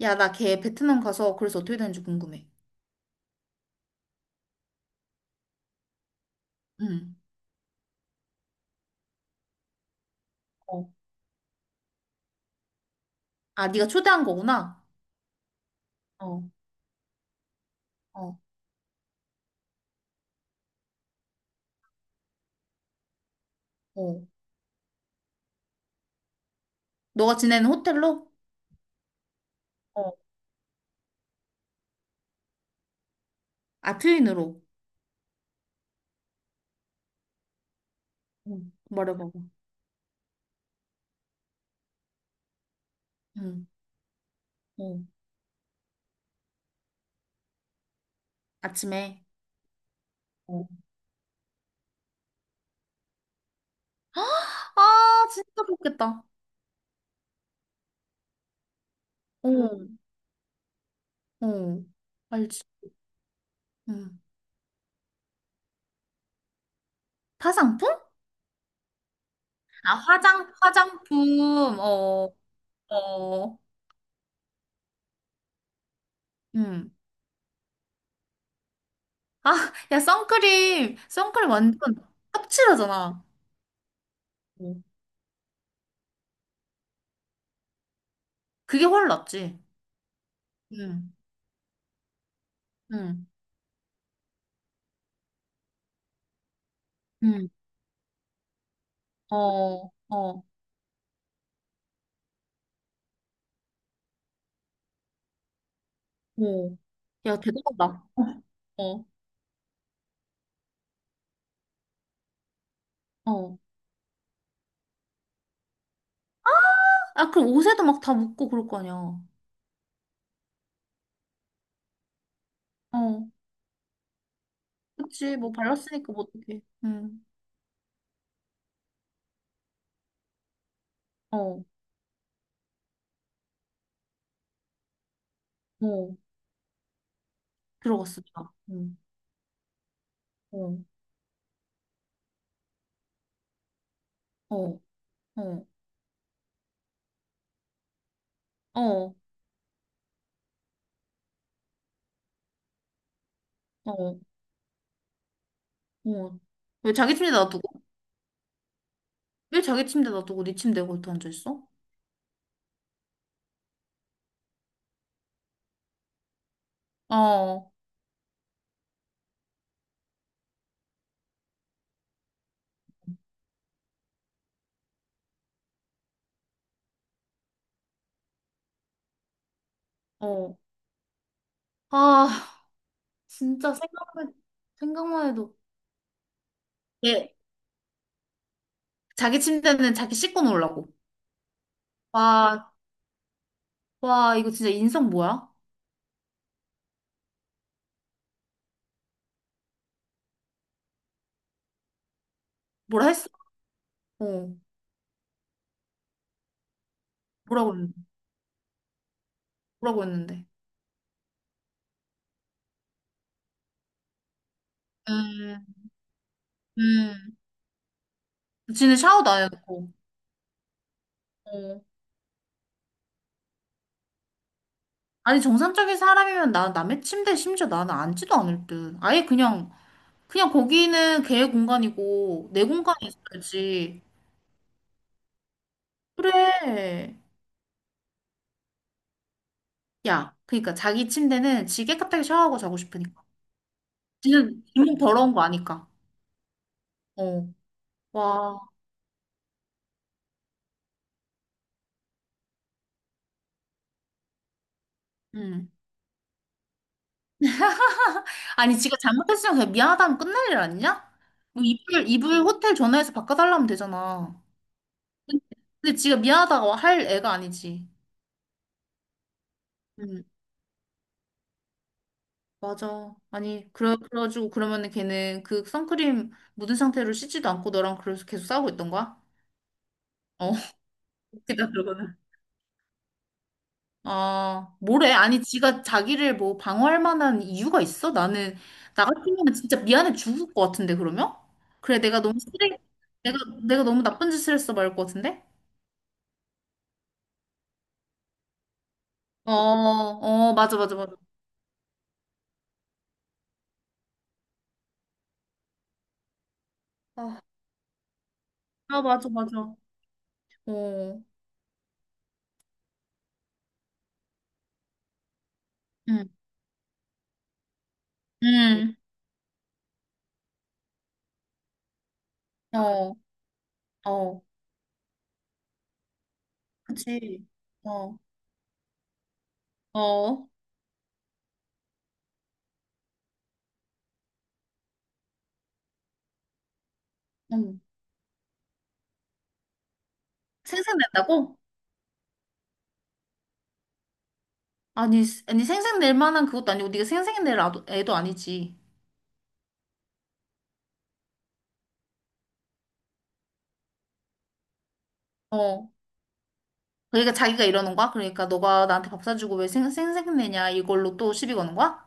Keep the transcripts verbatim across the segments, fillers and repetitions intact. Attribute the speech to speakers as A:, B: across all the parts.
A: 야, 나 걔 베트남 가서 그래서 어떻게 되는지 궁금해. 응. 어. 아, 네가 초대한 거구나. 어, 어. 어. 너가 지내는 호텔로? 어, 아, 트윈으로. 응. 말해봐봐. 응. 어. 아침에. 어. 아, 진짜 좋겠다. 어. 응. 어. 알지. 응. 화장품? 아, 화장, 화장품. 어. 어. 응. 아, 야, 선크림. 선크림 완전 떡칠하잖아. 어, 그게 훨 낫지. 응. 응, 응, 어, 어, 오. 야, 대단하다. 어, 어. 아, 그럼 옷에도 막 다 묻고 그럴 거 아니야. 어, 그치. 뭐 발랐으니까 뭐 어떡해. 응, 어, 어. 들어갔습니다. 응, 어, 어, 어, 어, 어, 어. 왜 자기 침대 놔두고? 왜 자기 침대 놔두고 네 침대에 걸터 앉아있어? 어, 어. 아, 진짜 생각만, 생각만 해도. 예, 자기 침대는 자기 씻고 놀라고. 와, 와, 이거 진짜 인성 뭐야? 뭐라 했어? 어, 뭐라고 했는데? 뭐라고 했는데? 음, 음. 지는 샤워도 안 해놓고. 어. 아니, 정상적인 사람이면 나 남의 침대 심지어 나는 앉지도 않을 듯. 아예 그냥, 그냥 거기는 걔의 공간이고, 내 공간이 있어야지. 그래. 야, 그러니까 자기 침대는 지 깨끗하게 샤워하고 자고 싶으니까. 지는 기분 더러운 거 아니까. 어. 와. 응. 아니, 지가 잘못했으면 그냥 미안하다면 끝날 일 아니냐? 뭐 이불, 이불 호텔 전화해서 바꿔달라면 되잖아. 근데 지가 미안하다고 할 애가 아니지. 응, 맞아. 아니, 그래, 그래가지고 그러면은 걔는 그 선크림 묻은 상태로 씻지도 않고 너랑 그래서 계속 싸우고 있던 거야? 어, 웃기다, 그거는. 아, 뭐래? 아니, 지가 자기를 뭐 방어할 만한 이유가 있어? 나는, 나 같으면 진짜 미안해 죽을 것 같은데, 그러면? 그래, 내가 너무 쓰레기, 내가, 내가 너무 나쁜 짓을 했어, 말할 것 같은데? 어, 어, 맞아, 맞아, 맞아. 아, 아, 맞아, 맞아. 어, 응, 응, 어, 어, 그치. 어, 어, 응. 생색낸다고. 아니, 아니, 생색낼 만한 그것도 아니고, 네가 생색낼 아도- 애도 아니지. 어, 그러니까 자기가 이러는 거야? 그러니까 너가 나한테 밥 사주고 왜 생, 생색내냐 이걸로 또 시비 거는 거야?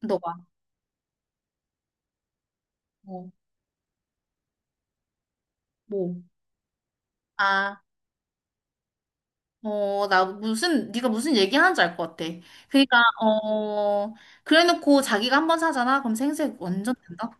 A: 너가. 어, 뭐. 아. 어, 나 무슨, 네가 무슨 얘기하는지 알 것 같아. 그러니까, 어, 그래놓고 자기가 한 번 사잖아? 그럼 생색 완전 된다?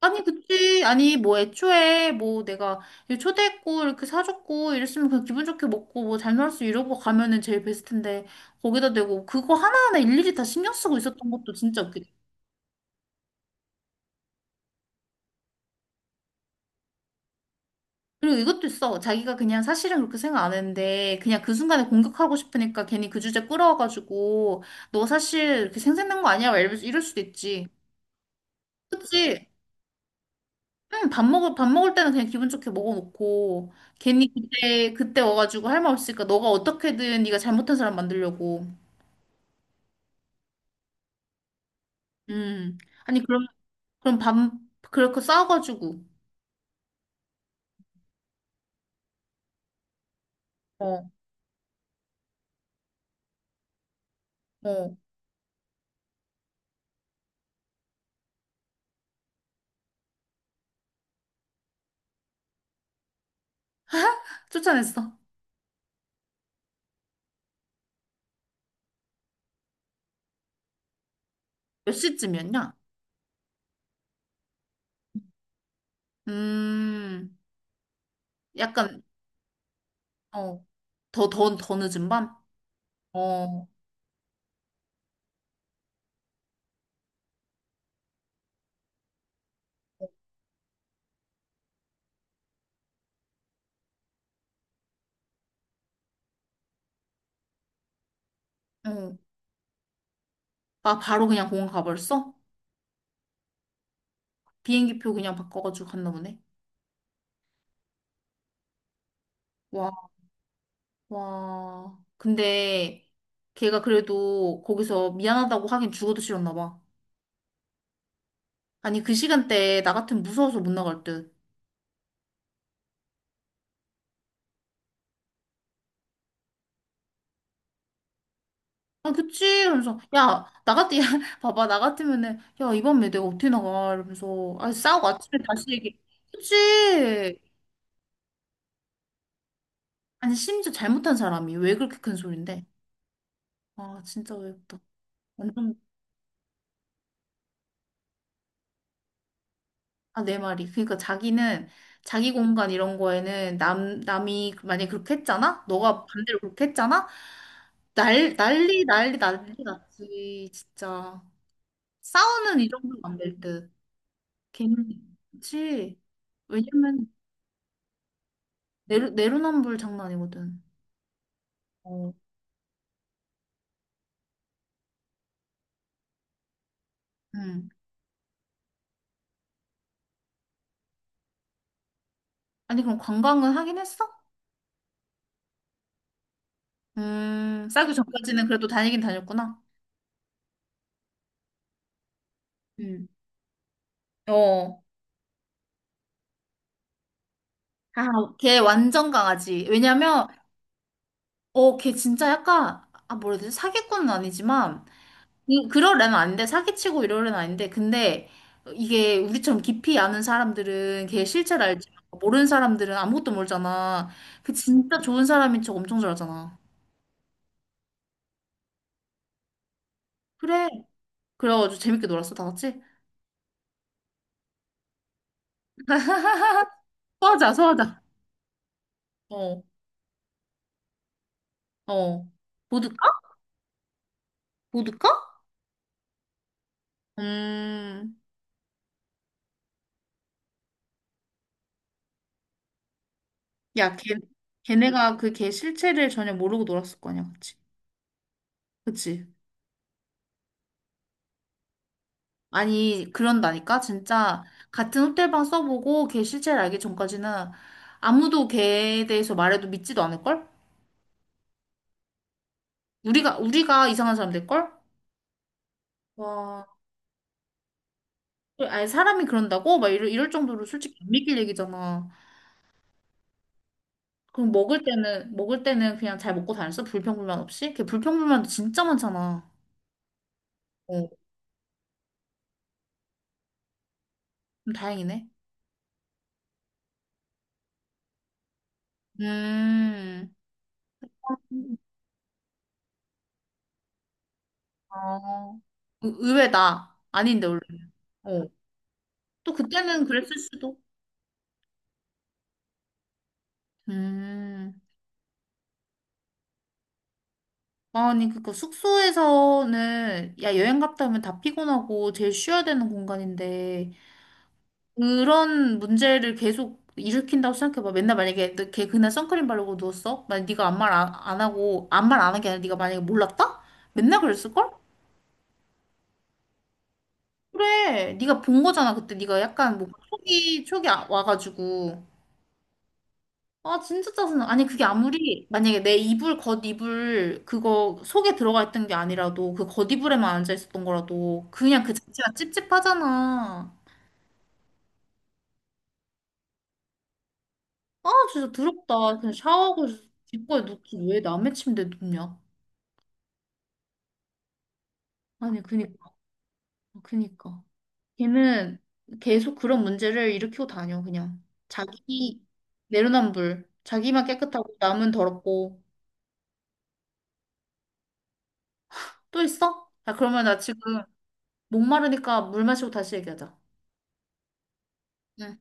A: 아니, 그치. 아니, 뭐 애초에 뭐 내가 이렇게 초대했고, 이렇게 사줬고, 이랬으면 그냥 기분 좋게 먹고, 뭐 잘 놀았어, 이러고 가면은 제일 베스트인데, 거기다 대고 그거 하나하나 일일이 다 신경 쓰고 있었던 것도 진짜 웃기다. 그리고 이것도 있어. 자기가 그냥 사실은 그렇게 생각 안 했는데, 그냥 그 순간에 공격하고 싶으니까 괜히 그 주제 끌어와가지고, 너 사실 이렇게 생색낸 거 아니야? 막 이럴 수- 이럴 수도 있지. 그치? 응, 밥 먹을, 밥 먹을 때는 그냥 기분 좋게 먹어놓고, 괜히 그때, 그때 와가지고 할 말 없으니까 너가 어떻게든 네가 잘못한 사람 만들려고. 음. 아니, 그럼, 그럼 밤, 그렇게 싸워가지고, 어, 어, 쫓아냈어. 몇 시쯤이었냐? 음, 약간, 어, 더, 더, 더 늦은 밤? 어, 어. 아, 바로 그냥 공항 가버렸어? 비행기표 그냥 바꿔가지고 갔나 보네. 와. 와, 근데 걔가 그래도 거기서 미안하다고 하긴 죽어도 싫었나 봐. 아니, 그 시간대에 나 같으면 무서워서 못 나갈 듯. 아, 그치? 이러면서, 야, 나 같, 야, 봐봐, 나 같으면은, 야, 이번에 내가 어떻게 나가? 이러면서, 아, 싸우고 아침에 다시 얘기. 그치? 아니, 심지어 잘못한 사람이 왜 그렇게 큰 소린데? 아, 진짜 외롭다. 완전. 아, 내 말이. 그러니까 자기는 자기 공간 이런 거에는 남, 남이 만약에 그렇게 했잖아? 너가 반대로 그렇게 했잖아? 날, 난리, 난리, 난리 났지. 진짜. 싸우는 이 정도는 안 될 듯. 걔는. 그치? 왜냐면 내로, 내로남불 장난 아니거든. 어. 음. 아니, 그럼 관광은 하긴 했어? 음, 싸기 전까지는 그래도 다니긴 다녔구나. 음. 어. 아, 걔 완전 강아지. 왜냐면 어, 걔 진짜 약간, 아, 뭐라 해야 되지? 사기꾼은 아니지만, 이- 그럴 애는 아닌데, 사기치고 이럴 애는 아닌데, 근데 이게 우리처럼 깊이 아는 사람들은 걔 실체를 알지만, 모르는 사람들은 아무것도 모르잖아. 그 진짜 좋은 사람인 척 엄청 잘하잖아. 그래. 그래가지고 재밌게 놀았어, 다 같이. 소화자, 소화자. 어, 어. 보드카? 보드카? 음, 야, 걔, 걔네가 그 걔 실체를 전혀 모르고 놀았을 거 아니야, 그치? 그치? 아니, 그런다니까? 진짜 같은 호텔방 써보고 걔 실체를 알기 전까지는 아무도 걔에 대해서 말해도 믿지도 않을걸? 우리가, 우리가 이상한 사람 될걸? 와, 아니, 사람이 그런다고? 막 이럴, 이럴 정도로 솔직히 안 믿길 얘기잖아. 그럼 먹을 때는, 먹을 때는 그냥 잘 먹고 다녔어? 불평불만 없이? 걔 불평불만도 진짜 많잖아. 어, 그럼 다행이네. 음, 어, 의- 의외다. 아닌데, 원래. 어. 또 그때는 그랬을 수도. 음. 아니, 그니까 숙소에서는, 야, 여행 갔다 오면 다 피곤하고 제일 쉬어야 되는 공간인데, 그런 문제를 계속 일으킨다고 생각해봐. 맨날 만약에 너걔 그날 선크림 바르고 누웠어? 만약 네가 아무 말 안, 안 하고, 아무 말 안 한 게 아니라 네가 만약에 몰랐다? 맨날 그랬을걸? 그래, 네가 본 거잖아. 그때 네가 약간 뭐, 촉이, 촉이 아- 와가지고. 아, 진짜 짜증나. 아니, 그게 아무리, 만약에 내 이불, 겉이불, 그거 속에 들어가 있던 게 아니라도, 그 겉이불에만 앉아 있었던 거라도, 그냥 그 자체가 찝찝하잖아. 아, 진짜 더럽다. 그냥 샤워하고 뒷거에 눕지. 왜 남의 침대에 눕냐? 아니, 그니까, 그니까. 걔는 계속 그런 문제를 일으키고 다녀, 그냥. 자기, 내로남불. 자기만 깨끗하고, 남은 더럽고. 또 있어? 자 그러면 나 지금 목마르니까 물 마시고 다시 얘기하자. 응.